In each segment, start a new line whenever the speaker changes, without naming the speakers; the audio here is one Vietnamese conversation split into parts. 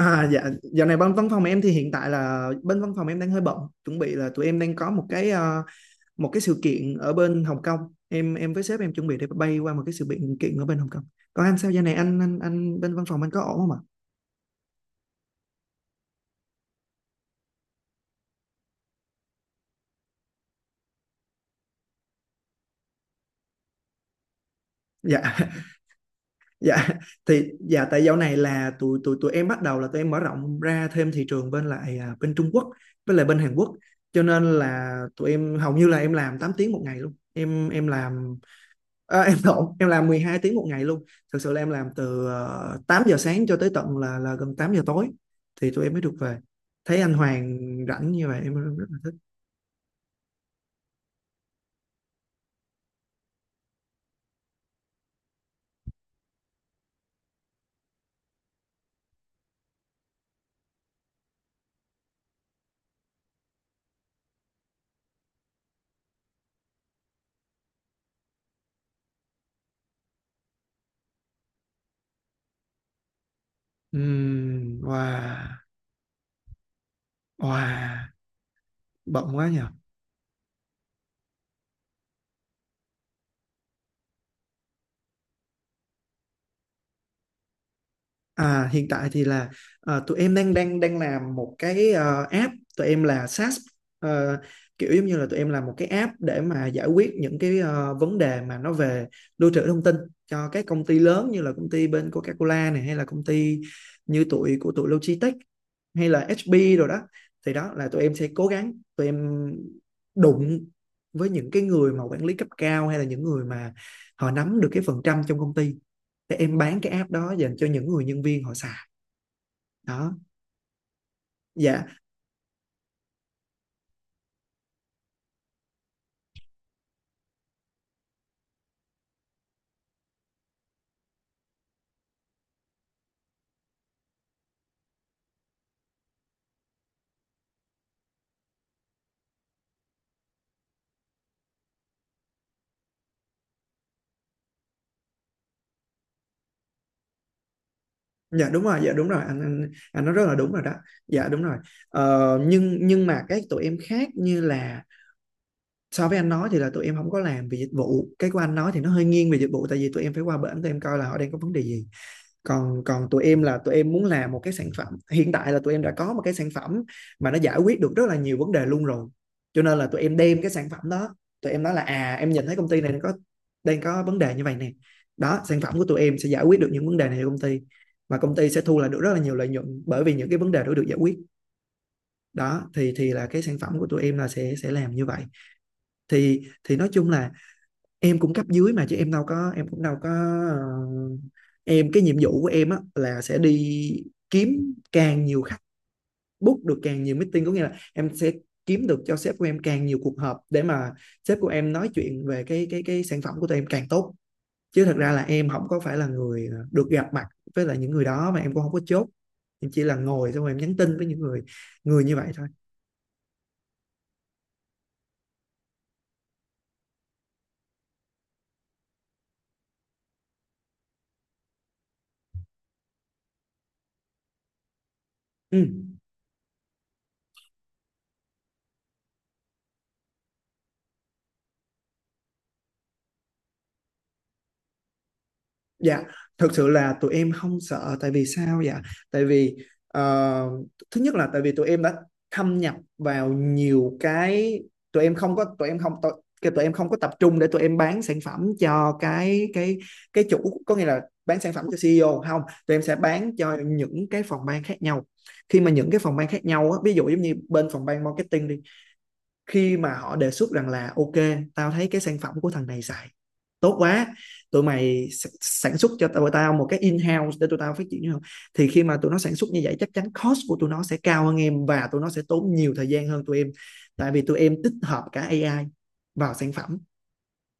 À, dạ, dạo này bên văn phòng em thì hiện tại là bên văn phòng em đang hơi bận, chuẩn bị là tụi em đang có một cái một cái sự kiện ở bên Hồng Kông. Em với sếp em chuẩn bị để bay qua một cái sự kiện kiện ở bên Hồng Kông. Còn anh sao giờ này anh bên văn phòng anh có ổn không ạ? Dạ. Dạ thì tại dạo này là tụi tụi tụi em bắt đầu là tụi em mở rộng ra thêm thị trường bên lại à, bên Trung Quốc với lại bên Hàn Quốc, cho nên là tụi em hầu như là em làm 8 tiếng một ngày luôn. Em làm à, em lộn, em làm 12 tiếng một ngày luôn. Thực sự là em làm từ 8 giờ sáng cho tới tận là gần 8 giờ tối thì tụi em mới được về. Thấy anh Hoàng rảnh như vậy em rất là thích. Wow, wow, bận quá nhỉ. À, hiện tại thì là tụi em đang đang đang làm một cái app, tụi em là SaaS. Ờ, kiểu giống như là tụi em làm một cái app để mà giải quyết những cái vấn đề mà nó về lưu trữ thông tin cho các công ty lớn như là công ty bên Coca-Cola này, hay là công ty như tụi của tụi Logitech, hay là HP rồi đó. Thì đó là tụi em sẽ cố gắng tụi em đụng với những cái người mà quản lý cấp cao hay là những người mà họ nắm được cái phần trăm trong công ty để em bán cái app đó dành cho những người nhân viên họ xài đó. Dạ, dạ đúng rồi, dạ đúng rồi, anh nói rất là đúng rồi đó, dạ đúng rồi. Nhưng mà cái tụi em khác như là, so với anh nói thì là tụi em không có làm về dịch vụ, cái của anh nói thì nó hơi nghiêng về dịch vụ tại vì tụi em phải qua bển tụi em coi là họ đang có vấn đề gì. Còn còn tụi em là tụi em muốn làm một cái sản phẩm, hiện tại là tụi em đã có một cái sản phẩm mà nó giải quyết được rất là nhiều vấn đề luôn rồi, cho nên là tụi em đem cái sản phẩm đó, tụi em nói là, à, em nhìn thấy công ty này nó có, đang có vấn đề như vậy nè. Đó, sản phẩm của tụi em sẽ giải quyết được những vấn đề này cho công ty và công ty sẽ thu lại được rất là nhiều lợi nhuận bởi vì những cái vấn đề đó được giải quyết. Đó thì là cái sản phẩm của tụi em là sẽ làm như vậy. Thì nói chung là em cũng cấp dưới mà, chứ em đâu có, em cũng đâu có, ờ, em, cái nhiệm vụ của em á là sẽ đi kiếm càng nhiều khách, book được càng nhiều meeting, có nghĩa là em sẽ kiếm được cho sếp của em càng nhiều cuộc họp để mà sếp của em nói chuyện về cái sản phẩm của tụi em càng tốt, chứ thật ra là em không có phải là người được gặp mặt với lại những người đó, mà em cũng không có chốt, em chỉ là ngồi xong rồi em nhắn tin với những người người như vậy thôi. Ừ. Dạ, thực sự là tụi em không sợ, tại vì sao dạ? Tại vì, ờ, thứ nhất là tại vì tụi em đã thâm nhập vào nhiều cái, tụi em không có tụi em không tụi, cái tụi em không có tập trung để tụi em bán sản phẩm cho cái chủ, có nghĩa là bán sản phẩm cho CEO không, tụi em sẽ bán cho những cái phòng ban khác nhau. Khi mà những cái phòng ban khác nhau á, ví dụ giống như bên phòng ban marketing đi, khi mà họ đề xuất rằng là, ok, tao thấy cái sản phẩm của thằng này xài tốt quá, tụi mày sản xuất cho tụi tao một cái in-house để tụi tao phát triển như không. Thì khi mà tụi nó sản xuất như vậy chắc chắn cost của tụi nó sẽ cao hơn em và tụi nó sẽ tốn nhiều thời gian hơn tụi em, tại vì tụi em tích hợp cả AI vào sản phẩm,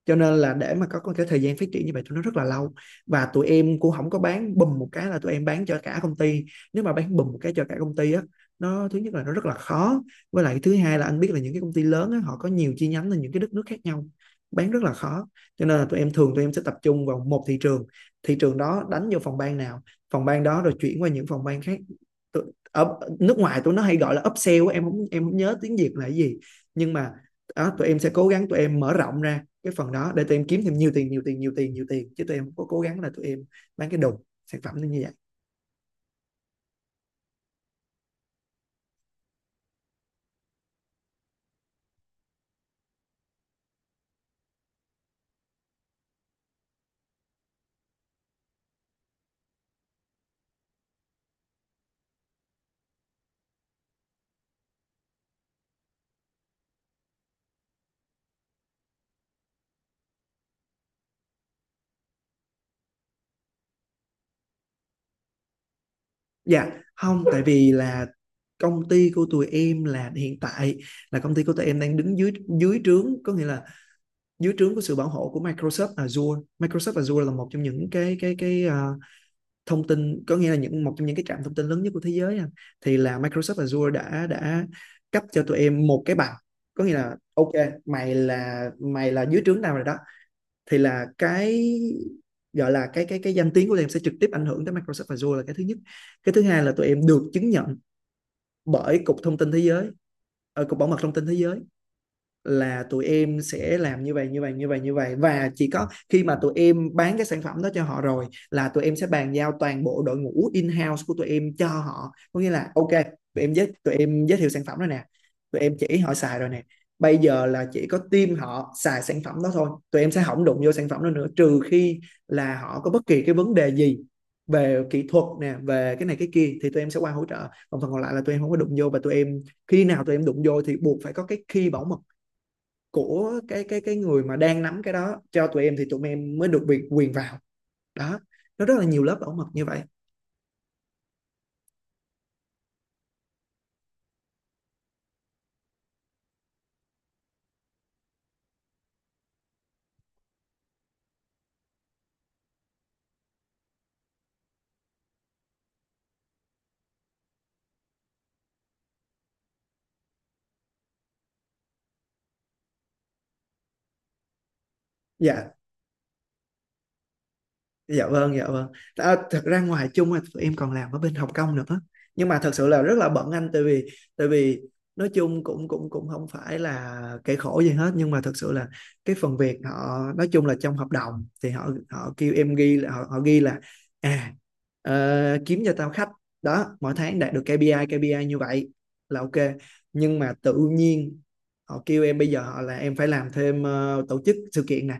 cho nên là để mà có, cái thời gian phát triển như vậy tụi nó rất là lâu. Và tụi em cũng không có bán bùm một cái là tụi em bán cho cả công ty, nếu mà bán bùm một cái cho cả công ty á, nó thứ nhất là nó rất là khó, với lại thứ hai là anh biết là những cái công ty lớn á, họ có nhiều chi nhánh ở những cái đất nước khác nhau, bán rất là khó, cho nên là tụi em thường tụi em sẽ tập trung vào một thị trường, thị trường đó đánh vô phòng ban nào, phòng ban đó rồi chuyển qua những phòng ban khác. Ở nước ngoài tụi nó hay gọi là upsell á, em không nhớ tiếng Việt là cái gì, nhưng mà đó, tụi em sẽ cố gắng tụi em mở rộng ra cái phần đó để tụi em kiếm thêm nhiều tiền, nhiều tiền, nhiều tiền, nhiều tiền, chứ tụi em không có cố gắng là tụi em bán cái đồ, sản phẩm như vậy. Dạ không, tại vì là công ty của tụi em là, hiện tại là công ty của tụi em đang đứng dưới dưới trướng, có nghĩa là dưới trướng của sự bảo hộ của Microsoft Azure. Microsoft Azure là một trong những cái thông tin, có nghĩa là những, một trong những cái trạm thông tin lớn nhất của thế giới à. Thì là Microsoft Azure đã cấp cho tụi em một cái bằng, có nghĩa là, ok, mày là dưới trướng nào rồi đó, thì là cái, gọi là cái danh tiếng của tụi em sẽ trực tiếp ảnh hưởng tới Microsoft Azure là cái thứ nhất. Cái thứ hai là tụi em được chứng nhận bởi cục thông tin thế giới, cục bảo mật thông tin thế giới, là tụi em sẽ làm như vậy như vậy như vậy như vậy. Và chỉ có khi mà tụi em bán cái sản phẩm đó cho họ rồi là tụi em sẽ bàn giao toàn bộ đội ngũ in-house của tụi em cho họ, có nghĩa là, ok, tụi em giới thiệu sản phẩm rồi nè, tụi em chỉ họ xài rồi nè, bây giờ là chỉ có team họ xài sản phẩm đó thôi, tụi em sẽ không đụng vô sản phẩm đó nữa, trừ khi là họ có bất kỳ cái vấn đề gì về kỹ thuật nè, về cái này cái kia thì tụi em sẽ qua hỗ trợ. Còn phần còn lại là tụi em không có đụng vô, và tụi em khi nào tụi em đụng vô thì buộc phải có cái key bảo mật của cái người mà đang nắm cái đó cho tụi em thì tụi em mới được quyền quyền vào đó. Nó rất là nhiều lớp bảo mật như vậy. Dạ, dạ vâng, dạ vâng, à, thật ra ngoài chung thì tụi em còn làm ở bên Hồng Kông nữa, nhưng mà thật sự là rất là bận anh, tại vì, tại vì nói chung cũng cũng cũng không phải là kẻ khổ gì hết, nhưng mà thật sự là cái phần việc họ, nói chung là trong hợp đồng thì họ họ kêu em ghi là, họ, họ ghi là à kiếm cho tao khách đó mỗi tháng đạt được KPI KPI như vậy là ok, nhưng mà tự nhiên họ kêu em, bây giờ họ là em phải làm thêm tổ chức sự kiện nè,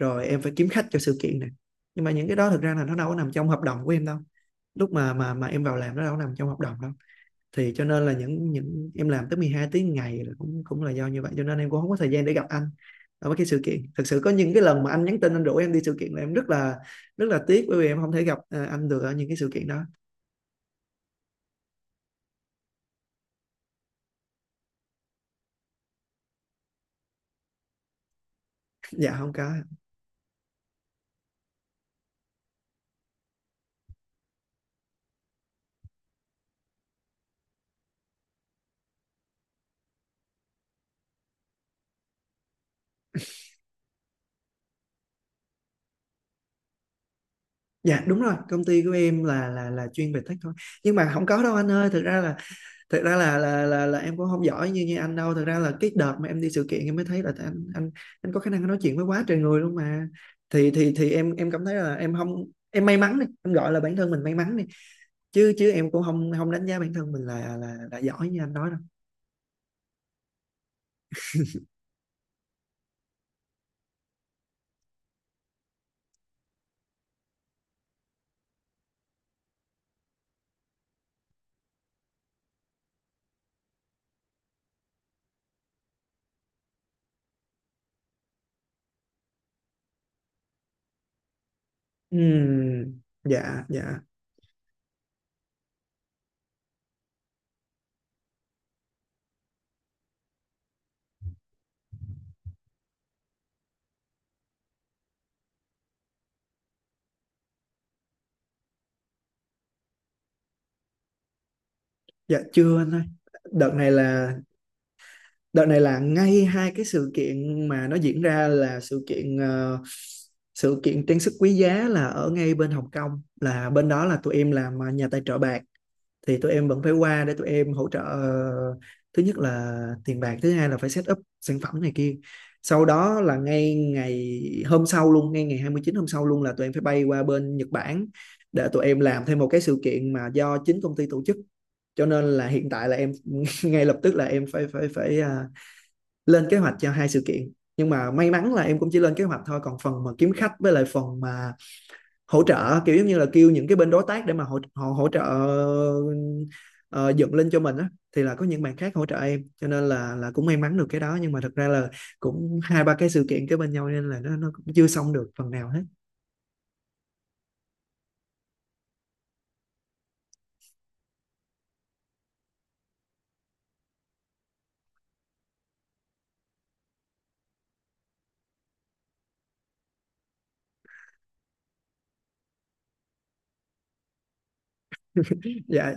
rồi em phải kiếm khách cho sự kiện này, nhưng mà những cái đó thực ra là nó đâu có nằm trong hợp đồng của em đâu, lúc mà em vào làm nó đâu có nằm trong hợp đồng đâu, thì cho nên là những em làm tới 12 tiếng ngày là cũng cũng là do như vậy, cho nên em cũng không có thời gian để gặp anh ở mấy cái sự kiện. Thực sự có những cái lần mà anh nhắn tin anh rủ em đi sự kiện là em rất là, rất là tiếc bởi vì em không thể gặp, à, anh được ở những cái sự kiện đó. Dạ không có. Dạ đúng rồi, công ty của em là chuyên về tech thôi, nhưng mà không có đâu anh ơi, thực ra là, thật ra là em cũng không giỏi như như anh đâu. Thật ra là cái đợt mà em đi sự kiện em mới thấy là anh anh có khả năng nói chuyện với quá trời người luôn mà, thì em cảm thấy là em không, em may mắn đi, em gọi là bản thân mình may mắn đi, chứ chứ em cũng không, không đánh giá bản thân mình là là giỏi như anh nói đâu. Dạ, dạ. Dạ chưa anh ơi, đợt này là, đợt này là ngay hai cái sự kiện mà nó diễn ra là sự kiện, sự kiện trang sức quý giá là ở ngay bên Hồng Kông, là bên đó là tụi em làm, nhà tài trợ bạc, thì tụi em vẫn phải qua để tụi em hỗ trợ, thứ nhất là tiền bạc, thứ hai là phải set up sản phẩm này kia. Sau đó là ngay ngày hôm sau luôn, ngay ngày 29 hôm sau luôn là tụi em phải bay qua bên Nhật Bản để tụi em làm thêm một cái sự kiện mà do chính công ty tổ chức, cho nên là hiện tại là em ngay lập tức là em phải phải phải à, lên kế hoạch cho hai sự kiện, nhưng mà may mắn là em cũng chỉ lên kế hoạch thôi, còn phần mà kiếm khách với lại phần mà hỗ trợ kiểu giống như là kêu những cái bên đối tác để mà hỗ họ hỗ hỗ trợ, ờ, dựng lên cho mình á, thì là có những bạn khác hỗ trợ em cho nên là cũng may mắn được cái đó, nhưng mà thật ra là cũng hai ba cái sự kiện kế bên nhau nên là nó cũng chưa xong được phần nào hết. Dạ,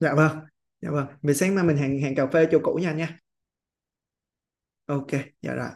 dạ vâng, dạ vâng về, sáng mai mình hẹn hẹn cà phê chỗ cũ nha, nha. Ok. Dạ rồi.